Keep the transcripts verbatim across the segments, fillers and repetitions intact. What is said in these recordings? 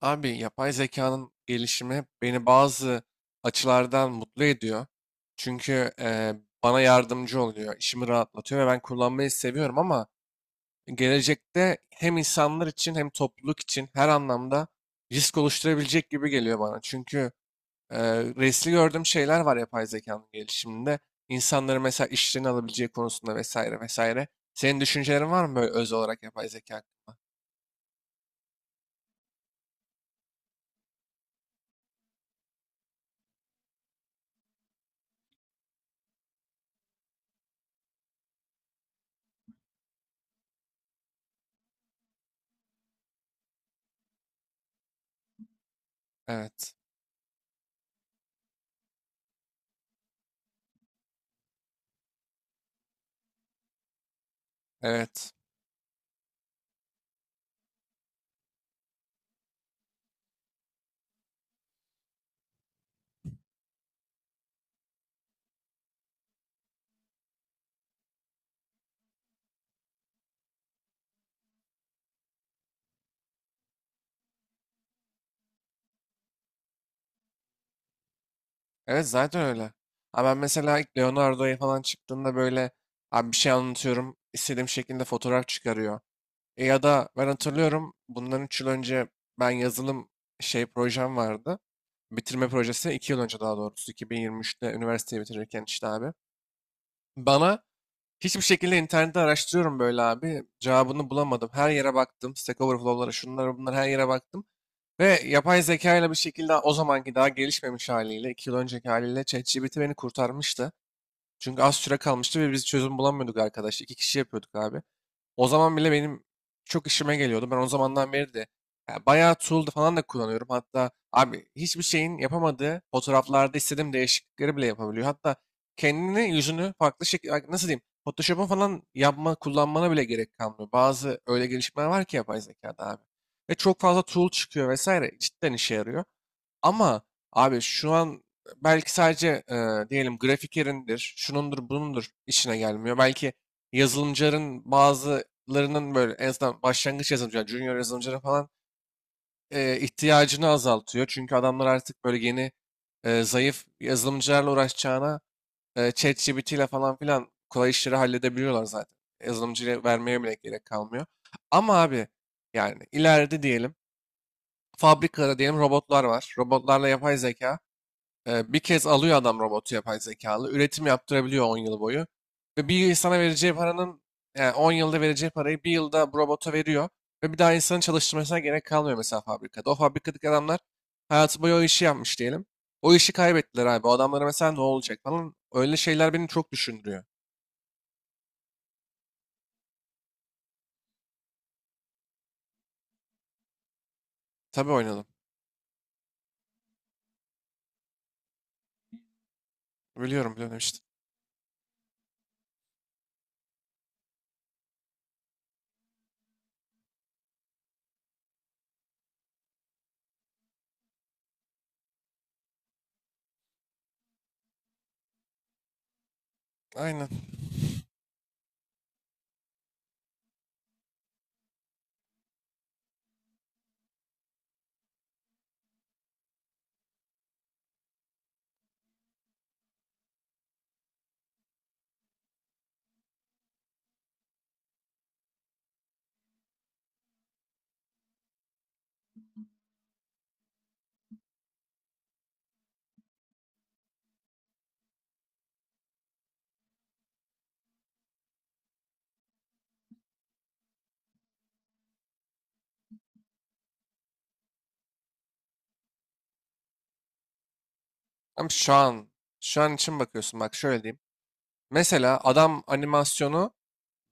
Abi yapay zekanın gelişimi beni bazı açılardan mutlu ediyor. Çünkü eee, bana yardımcı oluyor, işimi rahatlatıyor ve ben kullanmayı seviyorum ama gelecekte hem insanlar için hem topluluk için her anlamda risk oluşturabilecek gibi geliyor bana. Çünkü eee riskli gördüğüm şeyler var yapay zekanın gelişiminde. İnsanların mesela işlerini alabileceği konusunda vesaire vesaire. Senin düşüncelerin var mı böyle öz olarak yapay zeka hakkında? Evet, evet. Evet zaten öyle. Abi ben mesela ilk Leonardo'ya falan çıktığında böyle abi bir şey anlatıyorum, istediğim şekilde fotoğraf çıkarıyor. E ya da ben hatırlıyorum bundan üç yıl önce ben yazılım şey projem vardı. Bitirme projesi iki yıl önce, daha doğrusu iki bin yirmi üçte üniversiteyi bitirirken işte abi. Bana hiçbir şekilde internette araştırıyorum böyle abi. Cevabını bulamadım. Her yere baktım. Stack Overflow'lara şunlara bunlara her yere baktım. Ve yapay zeka ile bir şekilde o zamanki daha gelişmemiş haliyle, iki yıl önceki haliyle ChatGPT beni kurtarmıştı. Çünkü az süre kalmıştı ve biz çözüm bulamıyorduk arkadaş. İki kişi yapıyorduk abi. O zaman bile benim çok işime geliyordu. Ben o zamandan beri de ya, bayağı tool falan da kullanıyorum. Hatta abi hiçbir şeyin yapamadığı fotoğraflarda istediğim değişiklikleri bile yapabiliyor. Hatta kendini yüzünü farklı şekilde nasıl diyeyim, Photoshop'un falan yapma kullanmana bile gerek kalmıyor. Bazı öyle gelişmeler var ki yapay zekada abi. Ve çok fazla tool çıkıyor vesaire, cidden işe yarıyor. Ama abi şu an belki sadece e, diyelim gráfikerindir, şunundur, bunundur işine gelmiyor. Belki yazılımcıların bazılarının böyle en azından başlangıç yazılımcılar, junior yazılımcıların falan e, ihtiyacını azaltıyor. Çünkü adamlar artık böyle yeni e, zayıf yazılımcılarla uğraşacağına e, ChatGPT ile falan filan kolay işleri halledebiliyorlar zaten. Yazılımcıya vermeye bile gerek kalmıyor. Ama abi yani ileride diyelim fabrikada diyelim robotlar var. Robotlarla yapay zeka. Ee, bir kez alıyor adam robotu yapay zekalı. Üretim yaptırabiliyor on yıl boyu. Ve bir insana vereceği paranın, yani on yılda vereceği parayı bir yılda bu robota veriyor. Ve bir daha insanın çalıştırmasına gerek kalmıyor mesela fabrikada. O fabrikadaki adamlar hayatı boyu o işi yapmış diyelim. O işi kaybettiler abi. O adamlara mesela ne olacak falan. Öyle şeyler beni çok düşündürüyor. Tabii oynadım. Biliyorum biliyorum işte. Aynen. Ama şu an, şu an için bakıyorsun bak şöyle diyeyim. Mesela adam animasyonu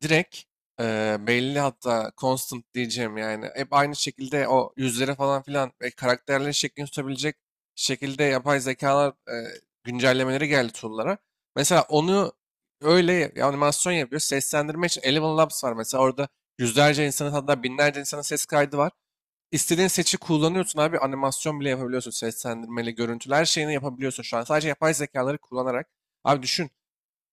direkt eee, belli hatta constant diyeceğim, yani hep aynı şekilde o yüzlere falan filan ve karakterlerin şeklini tutabilecek şekilde yapay zekalar eee, güncellemeleri geldi tool'lara. Mesela onu öyle ya- animasyon yapıyor. Seslendirme için Eleven Labs var mesela, orada yüzlerce insanın hatta binlerce insanın ses kaydı var. İstediğin seçi kullanıyorsun abi, animasyon bile yapabiliyorsun, seslendirmeli görüntüler şeyini yapabiliyorsun şu an sadece yapay zekaları kullanarak. Abi düşün,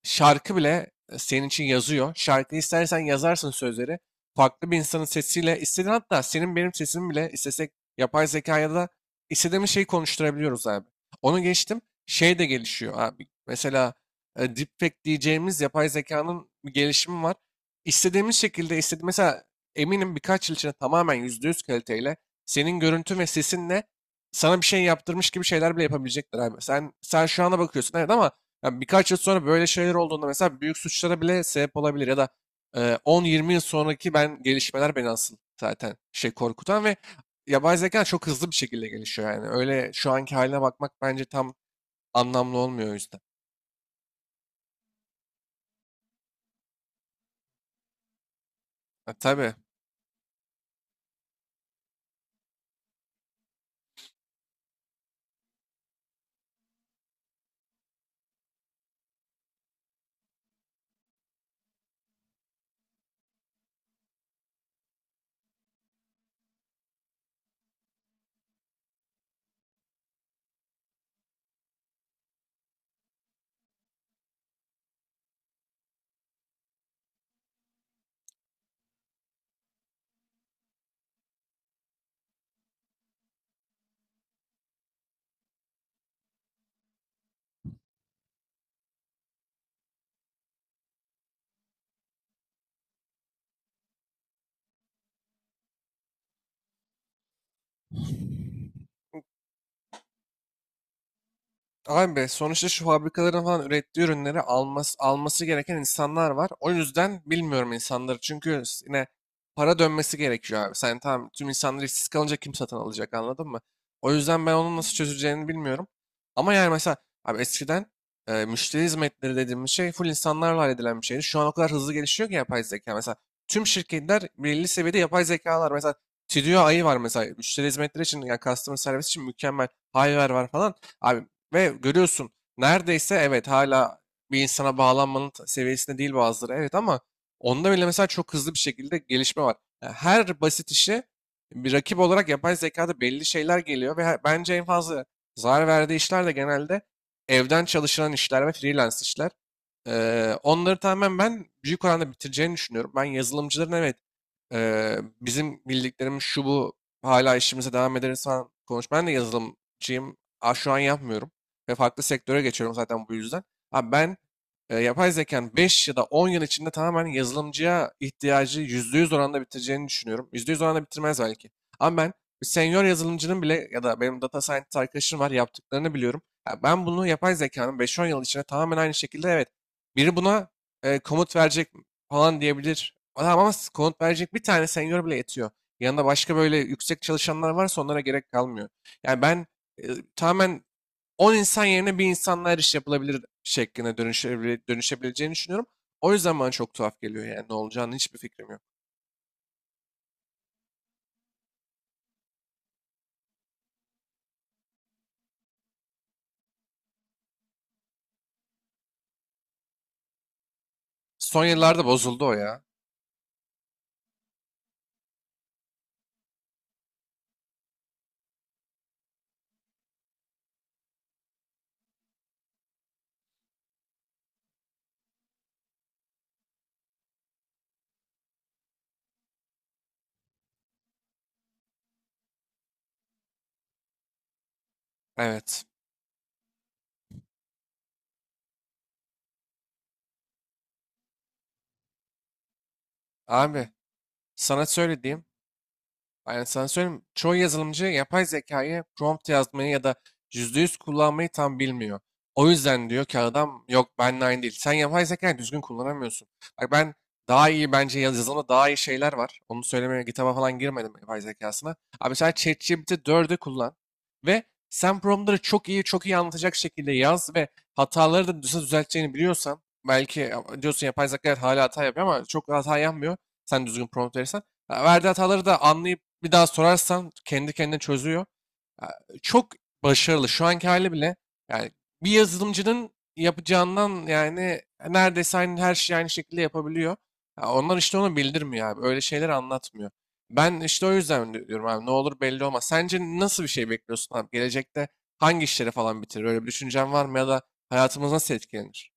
şarkı bile e, senin için yazıyor. Şarkı istersen yazarsın sözleri. Farklı bir insanın sesiyle istediğin, hatta senin benim sesimi bile istesek yapay zekaya da istediğimiz şeyi konuşturabiliyoruz abi. Onu geçtim. Şey de gelişiyor abi. Mesela e, deepfake diyeceğimiz yapay zekanın bir gelişimi var. İstediğimiz şekilde istedi mesela, eminim birkaç yıl içinde tamamen yüzde yüz kaliteyle senin görüntün ve sesinle sana bir şey yaptırmış gibi şeyler bile yapabilecekler abi. Sen sen şu ana bakıyorsun evet, ama ya birkaç yıl sonra böyle şeyler olduğunda mesela büyük suçlara bile sebep olabilir ya da e, on yirmi yıl sonraki ben gelişmeler beni asıl zaten şey korkutan ve yapay zeka çok hızlı bir şekilde gelişiyor yani. Öyle şu anki haline bakmak bence tam anlamlı olmuyor o yüzden. Ha, tabii. Abi sonuçta şu fabrikaların falan ürettiği ürünleri alması, alması gereken insanlar var. O yüzden bilmiyorum insanları. Çünkü yine para dönmesi gerekiyor abi. Sen tamam, tüm insanlar işsiz kalınca kim satın alacak, anladın mı? O yüzden ben onun nasıl çözüleceğini bilmiyorum. Ama yani mesela abi eskiden e, müşteri hizmetleri dediğimiz şey full insanlarla halledilen bir şeydi. Şu an o kadar hızlı gelişiyor ki yapay zeka. Mesela tüm şirketler belli seviyede yapay zekalar. Mesela Tidio A I var mesela müşteri hizmetleri için, yani customer service için mükemmel. Hiver var falan. Abi ve görüyorsun, neredeyse evet hala bir insana bağlanmanın ta- seviyesinde değil bazıları evet, ama onda bile mesela çok hızlı bir şekilde gelişme var. Yani her basit işe bir rakip olarak yapay zekada belli şeyler geliyor ve he- bence en fazla zarar verdiği işler de genelde evden çalışılan işler ve freelance işler. Eee, onları tamamen ben büyük oranda bitireceğini düşünüyorum. Ben yazılımcıların evet eee, bizim bildiklerimiz şu bu hala işimize devam ederiz falan konuş. Ben de yazılımcıyım. Aa, şu an yapmıyorum. Ve farklı sektöre geçiyorum zaten bu yüzden. Abi ben e, yapay zekanın beş ya da on yıl içinde tamamen yazılımcıya ihtiyacı yüzde yüz oranda bitireceğini düşünüyorum. Yüzde yüz oranda bitirmez belki. Ama ben bir senior yazılımcının bile ya da benim data scientist arkadaşım var, yaptıklarını biliyorum. Ya ben bunu yapay zekanın beş on yıl içinde tamamen aynı şekilde evet biri buna e, komut verecek falan diyebilir. Adam ama s- komut verecek bir tane senior bile yetiyor. Yanında başka böyle yüksek çalışanlar varsa onlara gerek kalmıyor. Yani ben e, tamamen on insan yerine bir insanla her iş yapılabilir şekline dönüşebile, dönüşebileceğini düşünüyorum. O yüzden bana çok tuhaf geliyor yani, ne olacağını hiçbir fikrim yok. Son yıllarda bozuldu o ya. Evet. Abi sana söylediğim, yani sana söyleyeyim, çoğu yazılımcı yapay zekayı prompt yazmayı ya da yüzde yüz kullanmayı tam bilmiyor. O yüzden diyor ki adam, yok benimle aynı değil. Sen yapay zekayı düzgün kullanamıyorsun. Bak ben daha iyi bence yaz- yazılımda daha iyi şeyler var. Onu söylemeye GitHub'a falan girmedim yapay zekasına. Abi mesela ChatGPT dördü kullan ve sen promptları çok iyi çok iyi anlatacak şekilde yaz ve hataları da nasıl düzelteceğini biliyorsan belki ya- diyorsun yapay zeka evet hala hata yapıyor ama çok hata yapmıyor. Sen düzgün prompt verirsen. Ha, verdiği hataları da anlayıp bir daha sorarsan kendi kendine çözüyor. Ya, çok başarılı. Şu anki hali bile yani bir yazılımcının yapacağından yani neredeyse aynı, her şeyi aynı şekilde yapabiliyor. Ya onlar işte onu bildirmiyor abi. Öyle şeyler anlatmıyor. Ben işte o yüzden di- diyorum abi ne olur belli olmaz. Sence nasıl bir şey bekliyorsun abi? Gelecekte hangi işleri falan bitirir? Öyle bir düşüncen var mı ya da hayatımız nasıl etkilenir?